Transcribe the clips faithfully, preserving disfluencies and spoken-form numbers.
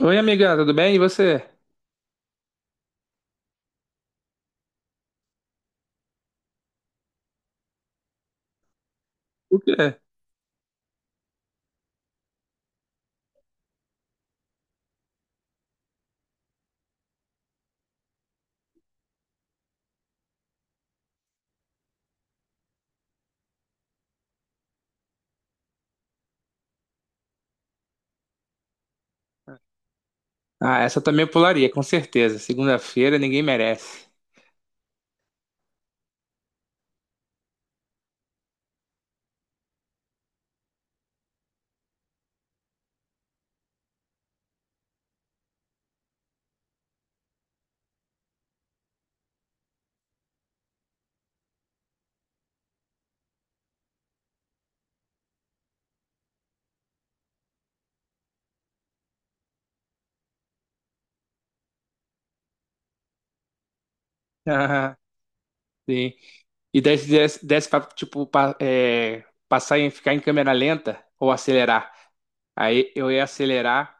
Oi, amiga, tudo bem? E você? O quê? Ah, essa eu também pularia, com certeza. Segunda-feira ninguém merece. Ah, sim. E desse, desse, desse pra, tipo, pa- é, passar em ficar em câmera lenta ou acelerar. Aí eu ia acelerar,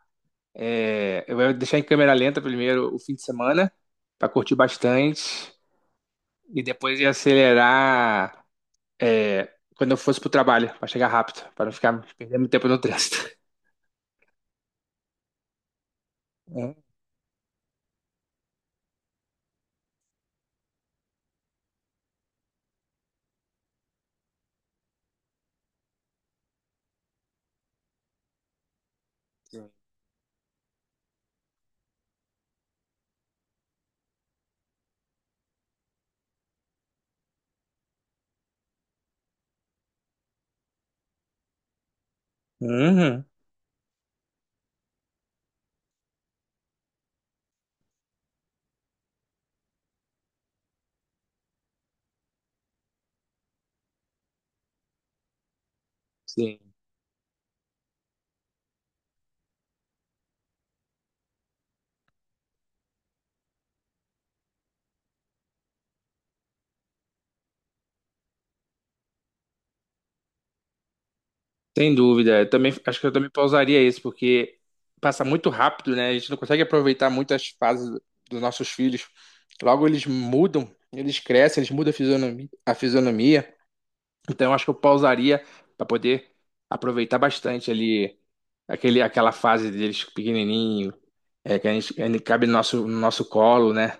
é, eu ia deixar em câmera lenta primeiro o fim de semana, pra curtir bastante. E depois ia acelerar, é, quando eu fosse pro trabalho, pra chegar rápido, pra não ficar perdendo tempo no trânsito. Uhum. Uhum. Sim. Sem dúvida. Eu também, acho que eu também pausaria esse, porque passa muito rápido, né? A gente não consegue aproveitar muito as fases dos nossos filhos. Logo eles mudam, eles crescem, eles mudam a fisionomia. a fisionomia. Então acho que eu pausaria para poder aproveitar bastante ali aquele, aquela fase deles pequenininho, é, que a gente, a gente cabe no nosso, no nosso colo, né?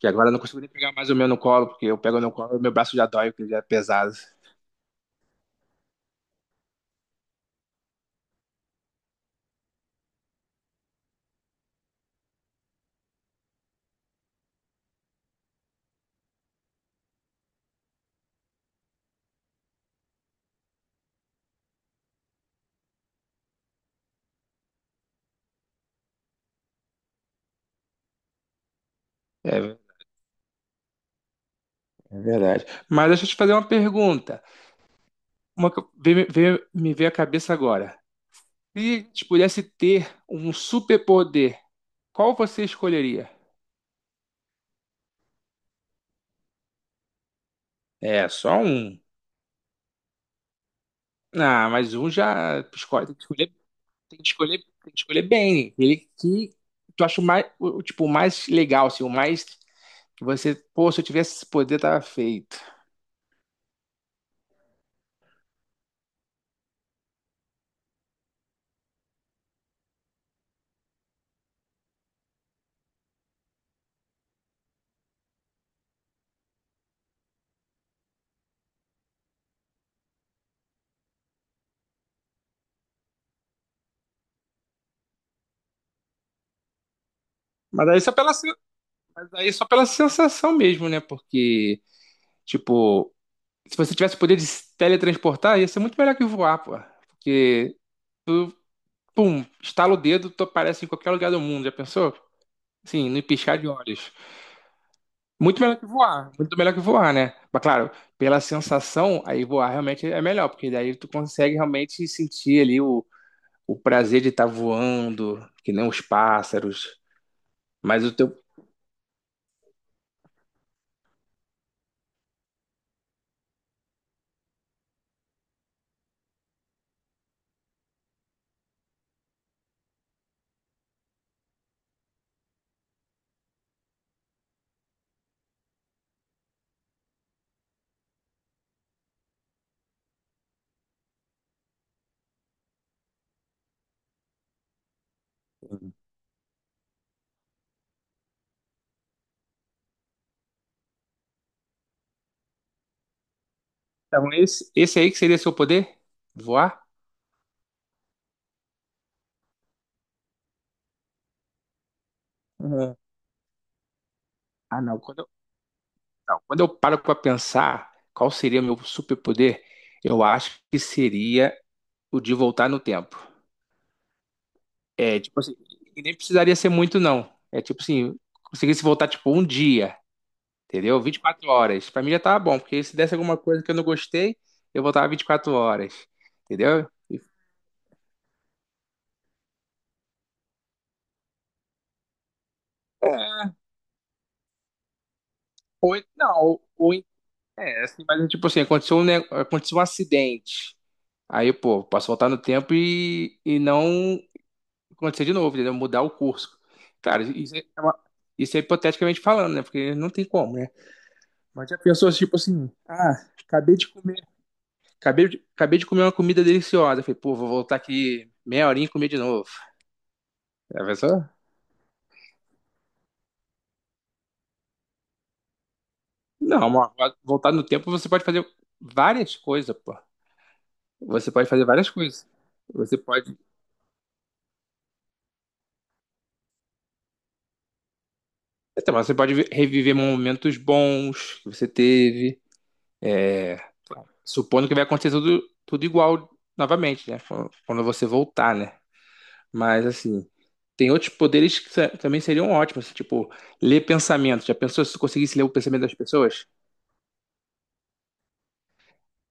Que agora eu não consigo nem pegar mais o meu no colo, porque eu pego no colo e meu braço já dói, porque ele já é pesado. É, é verdade. Mas deixa eu te fazer uma pergunta. Uma que eu- veio- veio- me veio à cabeça agora. Se te pudesse ter um superpoder, qual você escolheria? É, só um. Ah, mas um já escolhe, tem que escolher, tem que escolher, tem que escolher bem. Ele que tu acha o mais, o, o, tipo, o mais legal, assim, o mais que você, pô, se eu tivesse esse poder, tava feito. Mas aí só pela, sen- mas aí só pela sensação mesmo, né? Porque, tipo, se você tivesse o poder de se teletransportar, ia ser muito melhor que voar, pô. Porque pum, estala o dedo, tu aparece em qualquer lugar do mundo, já pensou? Sim, no piscar de olhos. Muito melhor que voar, muito melhor que voar, né? Mas claro, pela sensação, aí voar realmente é melhor, porque daí tu consegue realmente sentir ali o, o prazer de estar voando, que nem os pássaros. Mas o teu. Então, esse, esse aí que seria seu poder? Voar? Uhum. Ah, não. Quando eu, não, quando eu paro para pensar qual seria meu superpoder, eu acho que seria o de voltar no tempo. É, tipo assim, e nem precisaria ser muito, não. É tipo assim, conseguisse voltar, tipo, um dia, entendeu? Vinte e quatro horas. Pra mim já tava bom, porque se desse alguma coisa que eu não gostei, eu voltava vinte e quatro horas, entendeu? E- Ou, en- não, ou, ou en- é, assim, mas tipo assim, aconteceu um, ne- aconteceu um acidente. Aí, pô, posso voltar no tempo e, e não acontecer de novo, entendeu? Mudar o curso. Claro, isso é, uma- isso é hipoteticamente falando, né? Porque não tem como, né? Mas já pensou, tipo assim, ah, acabei de comer Acabei de, acabei de comer uma comida deliciosa. Falei, pô, vou voltar aqui meia horinha e comer de novo. Já pensou? Não, amor, voltar no tempo você pode fazer várias coisas, pô. Você pode fazer várias coisas. Você pode. Então, mas você pode vi- reviver momentos bons que você teve. é, Supondo que vai acontecer tudo, tudo igual novamente, né? Quando quando você voltar, né? Mas assim, tem outros poderes que sa- também seriam ótimos. Assim, tipo, ler pensamento. Já pensou se você conseguisse ler o pensamento das pessoas?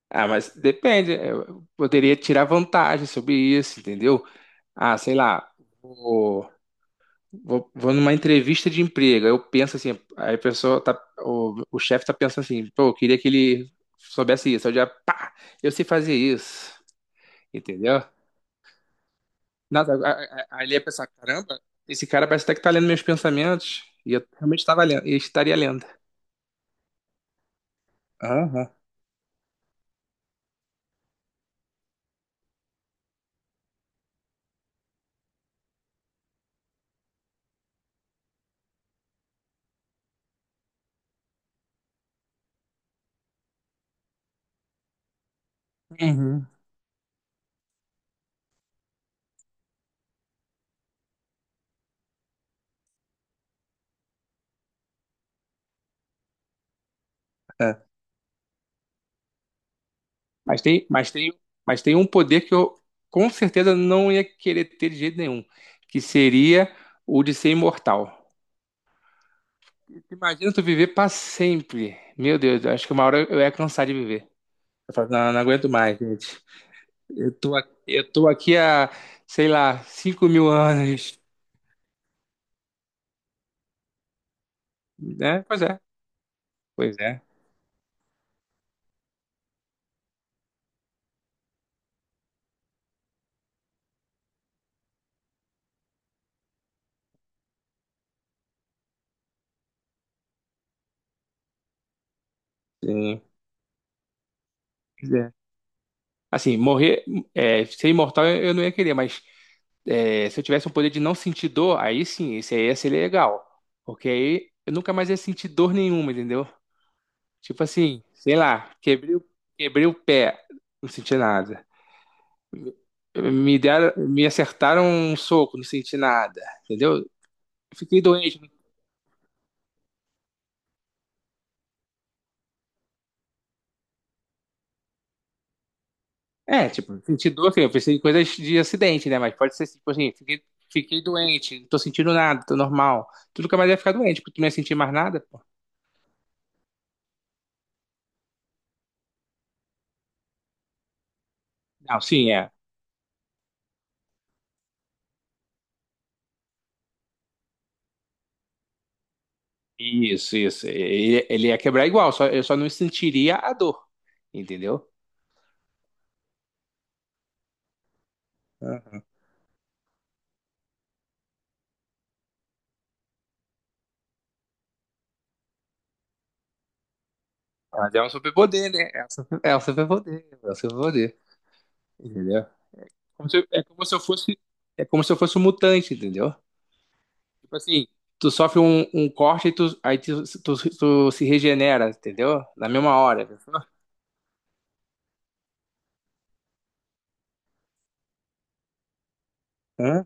Ah, mas depende. Eu poderia tirar vantagem sobre isso, entendeu? Ah, sei lá, vou, vou, vou numa entrevista de emprego. Aí eu penso assim, aí a pessoa tá, o, o chefe tá pensando assim, pô, eu queria que ele soubesse isso. Aí eu já, pá, eu sei fazer isso, entendeu? Nossa, a- a- a- aí ele ia pensar, caramba, esse cara parece até que tá lendo meus pensamentos. E eu realmente estava lendo, e estaria lendo. Aham. Uhum. Mas tem, mas tem, mas tem um poder que eu com certeza não ia querer ter de jeito nenhum, que seria o de ser imortal. Imagina tu viver para sempre. Meu Deus, eu acho que uma hora eu ia cansar de viver. Eu falo, não, não aguento mais, gente. Eu tô, a- eu tô aqui há, sei lá, cinco mil anos, né? Pois é, pois é. Sim. Assim, morrer, é, ser imortal eu eu não ia querer, mas é, se eu tivesse o poder de não sentir dor, aí sim, esse aí ia ser legal. Porque aí eu nunca mais ia sentir dor nenhuma, entendeu? Tipo assim, sei lá, quebrei, o- quebrei o pé, não senti nada. Me deram, me acertaram um soco, não senti nada, entendeu? Fiquei doente. É, tipo, senti dor, assim, eu pensei em coisas de acidente, né? Mas pode ser tipo assim, fiquei, fiquei doente, não tô sentindo nada, tô normal. Tu nunca mais ia ficar doente, porque tu não ia sentir mais nada. Não, sim, é. Isso, isso. Ele, ele ia quebrar igual, só, eu só não sentiria a dor, entendeu? Aham. Mas é um superpoder, né? É um super- é um superpoder, é um superpoder, entendeu? Como se- é como se eu fosse, é como se eu fosse um mutante, entendeu? Tipo assim, tu sofre um, um corte e tu, aí tu, tu, tu se regenera, entendeu? Na mesma hora. Entendeu? Hã?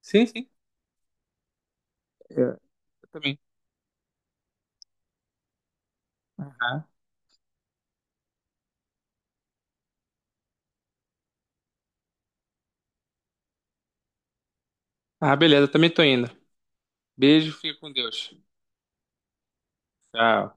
Sim, sim. É. Eu também. Aham. Ah, beleza, eu também tô indo. Beijo, fica com Deus. Tchau.